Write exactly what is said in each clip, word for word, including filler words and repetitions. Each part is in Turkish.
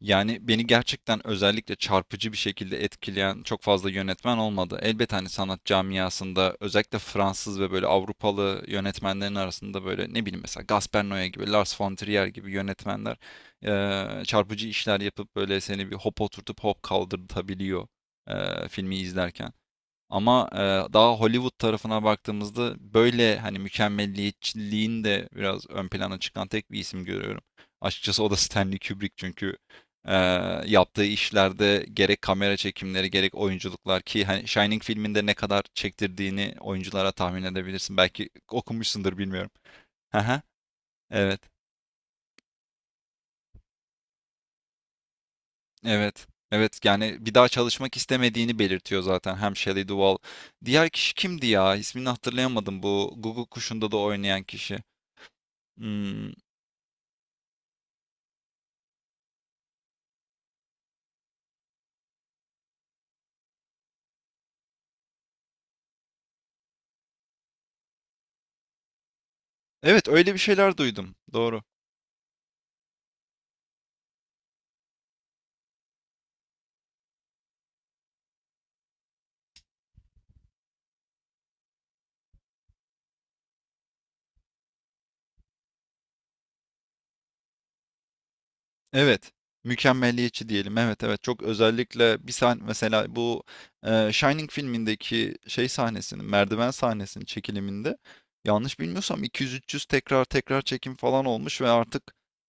Yani beni gerçekten özellikle çarpıcı bir şekilde etkileyen çok fazla yönetmen olmadı. Elbet hani sanat camiasında özellikle Fransız ve böyle Avrupalı yönetmenlerin arasında böyle ne bileyim mesela Gaspar Noé gibi, Lars von Trier gibi yönetmenler eee, çarpıcı işler yapıp böyle seni bir hop oturtup hop kaldırtabiliyor eee, filmi izlerken. Ama e, daha Hollywood tarafına baktığımızda böyle hani mükemmelliyetçiliğin de biraz ön plana çıkan tek bir isim görüyorum. Açıkçası o da Stanley Kubrick çünkü e, yaptığı işlerde gerek kamera çekimleri gerek oyunculuklar ki hani Shining filminde ne kadar çektirdiğini oyunculara tahmin edebilirsin. Belki okumuşsundur bilmiyorum. Haha, evet, evet, evet. Yani bir daha çalışmak istemediğini belirtiyor zaten hem Shelley Duvall. Diğer kişi kimdi ya? İsmini hatırlayamadım bu Guguk Kuşu'nda da oynayan kişi. Hmm, evet öyle bir şeyler duydum. Doğru. Evet. Mükemmeliyetçi diyelim. Evet evet çok özellikle bir sahne mesela bu e, Shining filmindeki şey sahnesinin merdiven sahnesinin çekiliminde yanlış bilmiyorsam iki yüz üç yüz tekrar tekrar çekim falan olmuş ve artık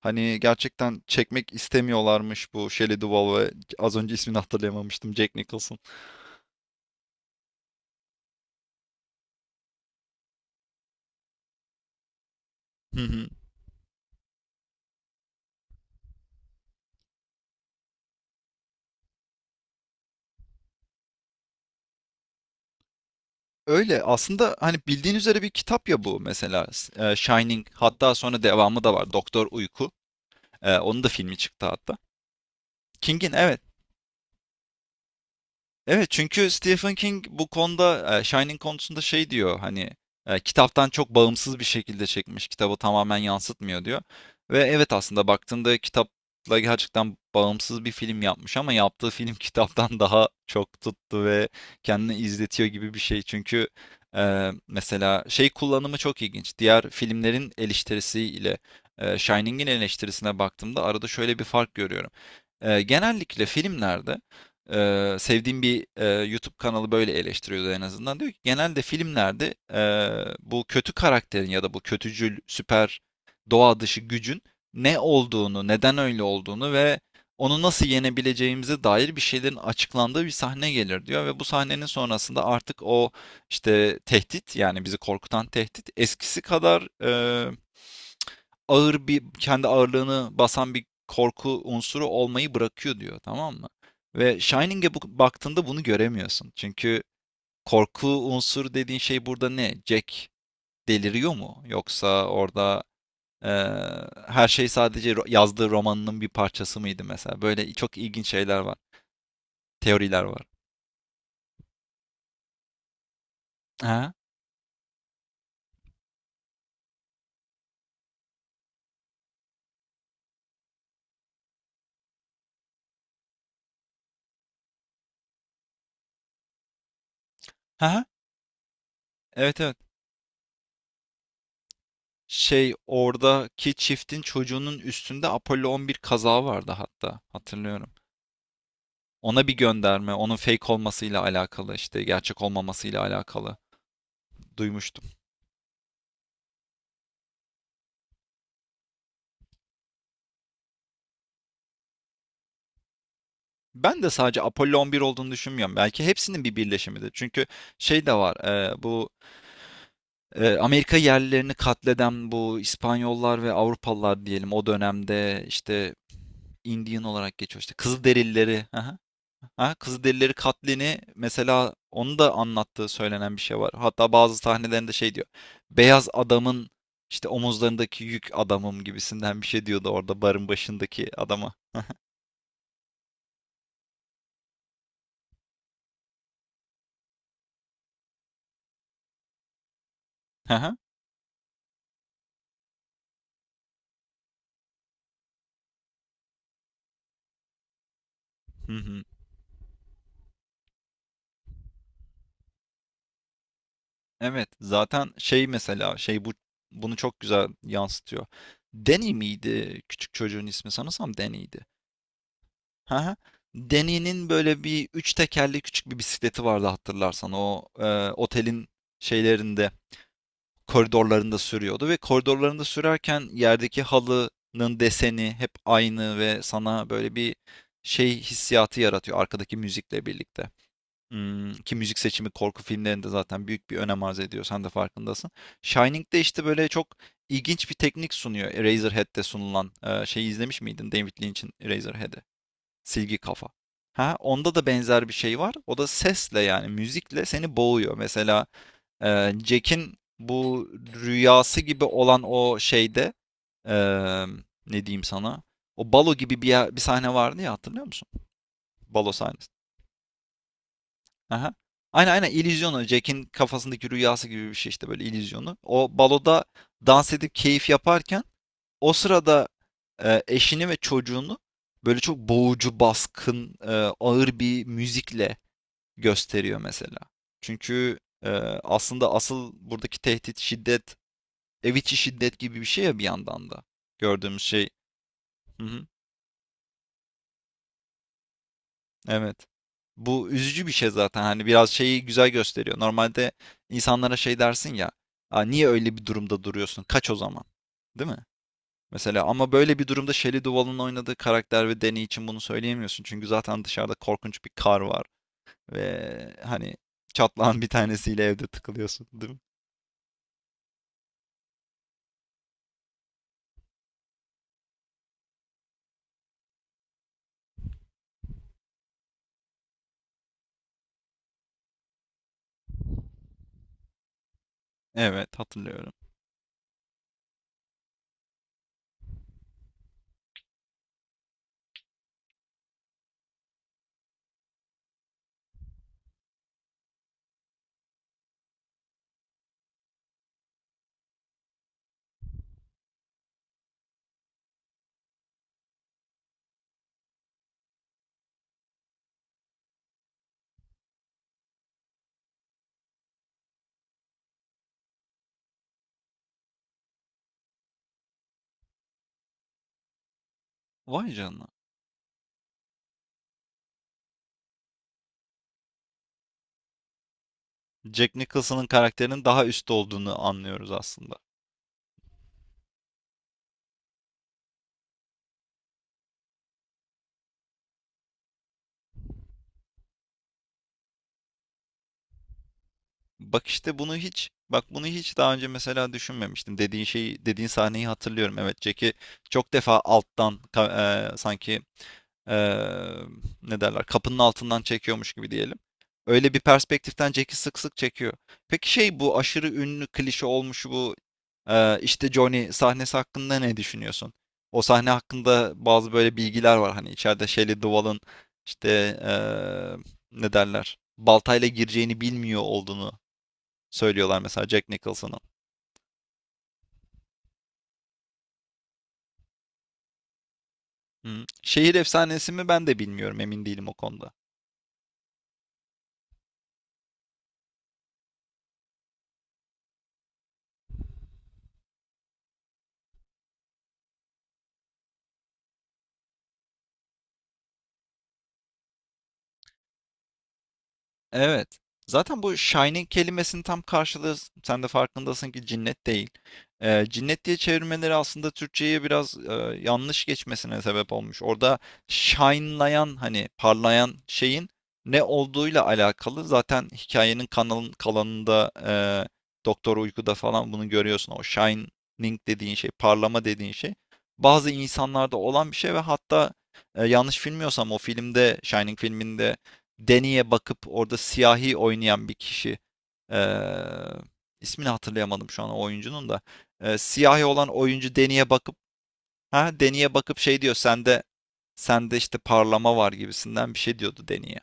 hani gerçekten çekmek istemiyorlarmış bu Shelley Duvall ve az önce ismini hatırlayamamıştım Jack Nicholson. Hı hı. Öyle aslında hani bildiğin üzere bir kitap ya bu mesela S- e, Shining, hatta sonra devamı da var, Doktor Uyku. Ee, onun da filmi çıktı hatta. King'in, evet. Evet çünkü Stephen King bu konuda e, Shining konusunda şey diyor hani e, kitaptan çok bağımsız bir şekilde çekmiş, kitabı tamamen yansıtmıyor diyor. Ve evet aslında baktığında kitapla gerçekten bağımsız bir film yapmış ama yaptığı film kitaptan daha çok tuttu ve kendini izletiyor gibi bir şey. Çünkü e, mesela şey kullanımı çok ilginç. Diğer filmlerin eleştirisiyle e, Shining'in eleştirisine baktığımda arada şöyle bir fark görüyorum. E, genellikle filmlerde, Eee, sevdiğim bir eee, YouTube kanalı böyle eleştiriyordu en azından. Diyor ki genelde filmlerde eee, bu kötü karakterin ya da bu kötücül süper doğa dışı gücün ne olduğunu, neden öyle olduğunu ve onu nasıl yenebileceğimize dair bir şeylerin açıklandığı bir sahne gelir diyor ve bu sahnenin sonrasında artık o işte tehdit, yani bizi korkutan tehdit, eskisi kadar eee ağır bir, kendi ağırlığını basan bir korku unsuru olmayı bırakıyor diyor, tamam mı? Ve Shining'e bu, baktığında bunu göremiyorsun. Çünkü korku unsuru dediğin şey burada ne? Jack deliriyor mu? Yoksa orada eee, her şey sadece ro- yazdığı romanının bir parçası mıydı mesela? Böyle çok ilginç şeyler var, teoriler var. Ha? Ha? Evet evet. Şey, oradaki çiftin çocuğunun üstünde Apollo on bir kazağı vardı hatta, hatırlıyorum. Ona bir gönderme, onun fake olmasıyla alakalı, işte gerçek olmamasıyla alakalı duymuştum. Ben de sadece Apollo on bir olduğunu düşünmüyorum. Belki hepsinin bir birleşimidir. Çünkü şey de var, e, bu e, Amerika yerlilerini katleden bu İspanyollar ve Avrupalılar diyelim, o dönemde işte Indian olarak geçiyor işte, Kızılderilileri. Aha. Ha, Kızılderilileri katlini mesela onu da anlattığı söylenen bir şey var. Hatta bazı sahnelerinde şey diyor. Beyaz adamın işte omuzlarındaki yük adamım gibisinden bir şey diyordu orada barın başındaki adama. Hı hı. Hı hı. Evet, zaten şey mesela şey bu bunu çok güzel yansıtıyor. Danny miydi küçük çocuğun ismi? Sanırsam Danny'ydi. Hı hı. Danny'nin böyle bir üç tekerli küçük bir bisikleti vardı, hatırlarsan o e, otelin şeylerinde, koridorlarında sürüyordu ve koridorlarında sürerken yerdeki halının deseni hep aynı ve sana böyle bir şey hissiyatı yaratıyor arkadaki müzikle birlikte. Hmm, ki müzik seçimi korku filmlerinde zaten büyük bir önem arz ediyor. Sen de farkındasın. Shining'de işte böyle çok ilginç bir teknik sunuyor. Eraserhead'de sunulan e, şeyi izlemiş miydin? David Lynch'in Eraserhead'i. Silgi kafa. Ha, onda da benzer bir şey var. O da sesle, yani müzikle seni boğuyor. Mesela ee, Jack'in bu rüyası gibi olan o şeyde, ee, ne diyeyim sana? O balo gibi bir, yer- bir sahne vardı ya, hatırlıyor musun? Balo sahnesi. Aha. Aynen aynen, illüzyonu. Jack'in kafasındaki rüyası gibi bir şey işte, böyle illüzyonu. O baloda dans edip keyif yaparken o sırada e, eşini ve çocuğunu böyle çok boğucu, baskın, e, ağır bir müzikle gösteriyor mesela. Çünkü e, aslında asıl buradaki tehdit, şiddet, ev içi şiddet gibi bir şey ya bir yandan da. Gördüğümüz şey. Hı hı, evet. Bu üzücü bir şey zaten. Hani biraz şeyi güzel gösteriyor. Normalde insanlara şey dersin ya. Aa, niye öyle bir durumda duruyorsun? Kaç o zaman. Değil mi? Mesela ama böyle bir durumda Shelley Duvall'ın oynadığı karakter ve Dany için bunu söyleyemiyorsun. Çünkü zaten dışarıda korkunç bir kar var. Ve hani çatlağın bir tanesiyle evde tıkılıyorsun, değil mi? Evet, hatırlıyorum. Vay canına. Jack Nicholson'ın karakterinin daha üstte olduğunu anlıyoruz aslında. Bak işte bunu hiç, bak bunu hiç daha önce mesela düşünmemiştim. Dediğin şeyi, dediğin sahneyi hatırlıyorum. Evet, Jack'i çok defa alttan ka- e, sanki e, ne derler, kapının altından çekiyormuş gibi diyelim. Öyle bir perspektiften Jack'i sık sık çekiyor. Peki şey, bu aşırı ünlü klişe olmuş bu e, işte Johnny sahnesi hakkında ne düşünüyorsun? O sahne hakkında bazı böyle bilgiler var, hani içeride Shelley Duvall'ın işte e, ne derler, baltayla gireceğini bilmiyor olduğunu söylüyorlar mesela Jack Nicholson'ın. Hmm. Şehir efsanesi mi, ben de bilmiyorum, emin değilim o konuda. Evet. Zaten bu shining kelimesinin tam karşılığı, sen de farkındasın ki, cinnet değil. Eee, cinnet diye çevirmeleri aslında Türkçe'ye biraz, eee, yanlış geçmesine sebep olmuş. Orada shine'layan, hani parlayan şeyin ne olduğuyla alakalı. Zaten hikayenin kanalın kalanında, eee, Doktor Uyku'da falan bunu görüyorsun. O shining dediğin şey, parlama dediğin şey bazı insanlarda olan bir şey ve hatta, eee, yanlış bilmiyorsam o filmde, Shining filminde, Deni'ye bakıp orada siyahi oynayan bir kişi, eee, ismini hatırlayamadım şu an o oyuncunun da. Eee, siyahi olan oyuncu Deni'ye bakıp, ha Deni'ye bakıp şey diyor, sende sende işte parlama var gibisinden bir şey diyordu Deni'ye.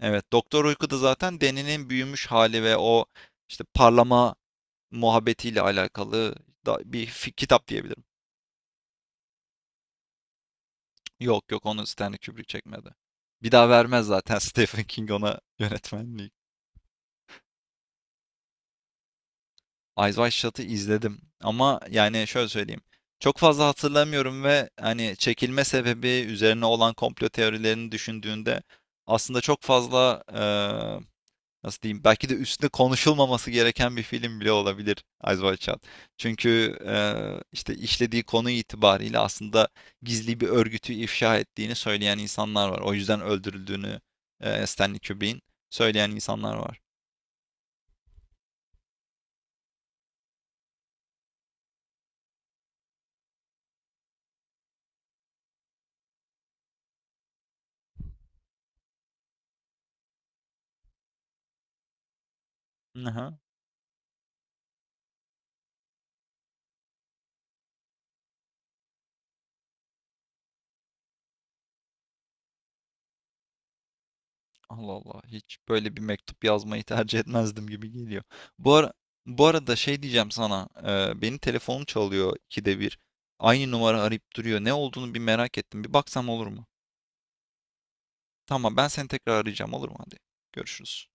Evet, Doktor Uyku'da zaten Deni'nin büyümüş hali ve o işte parlama muhabbetiyle alakalı da bir fi- kitap diyebilirim. Yok yok, onu Stanley Kubrick çekmedi. Bir daha vermez zaten Stephen King ona yönetmenliği. Eyes Wide Shut'ı izledim ama yani şöyle söyleyeyim. Çok fazla hatırlamıyorum ve hani çekilme sebebi üzerine olan komplo teorilerini düşündüğünde aslında çok fazla, eee, nasıl diyeyim, belki de üstüne konuşulmaması gereken bir film bile olabilir Eyes Wide Shut. Çünkü eee, işte işlediği konu itibariyle aslında gizli bir örgütü ifşa ettiğini söyleyen insanlar var. O yüzden öldürüldüğünü eee Stanley Kubrick'in söyleyen insanlar var. Aha. Allah Allah, hiç böyle bir mektup yazmayı tercih etmezdim gibi geliyor. Bu ara, bu arada şey diyeceğim sana. e, benim telefonum çalıyor ikide bir. Aynı numara arayıp duruyor. Ne olduğunu bir merak ettim. Bir baksam olur mu? Tamam, ben seni tekrar arayacağım, olur mu? Hadi görüşürüz.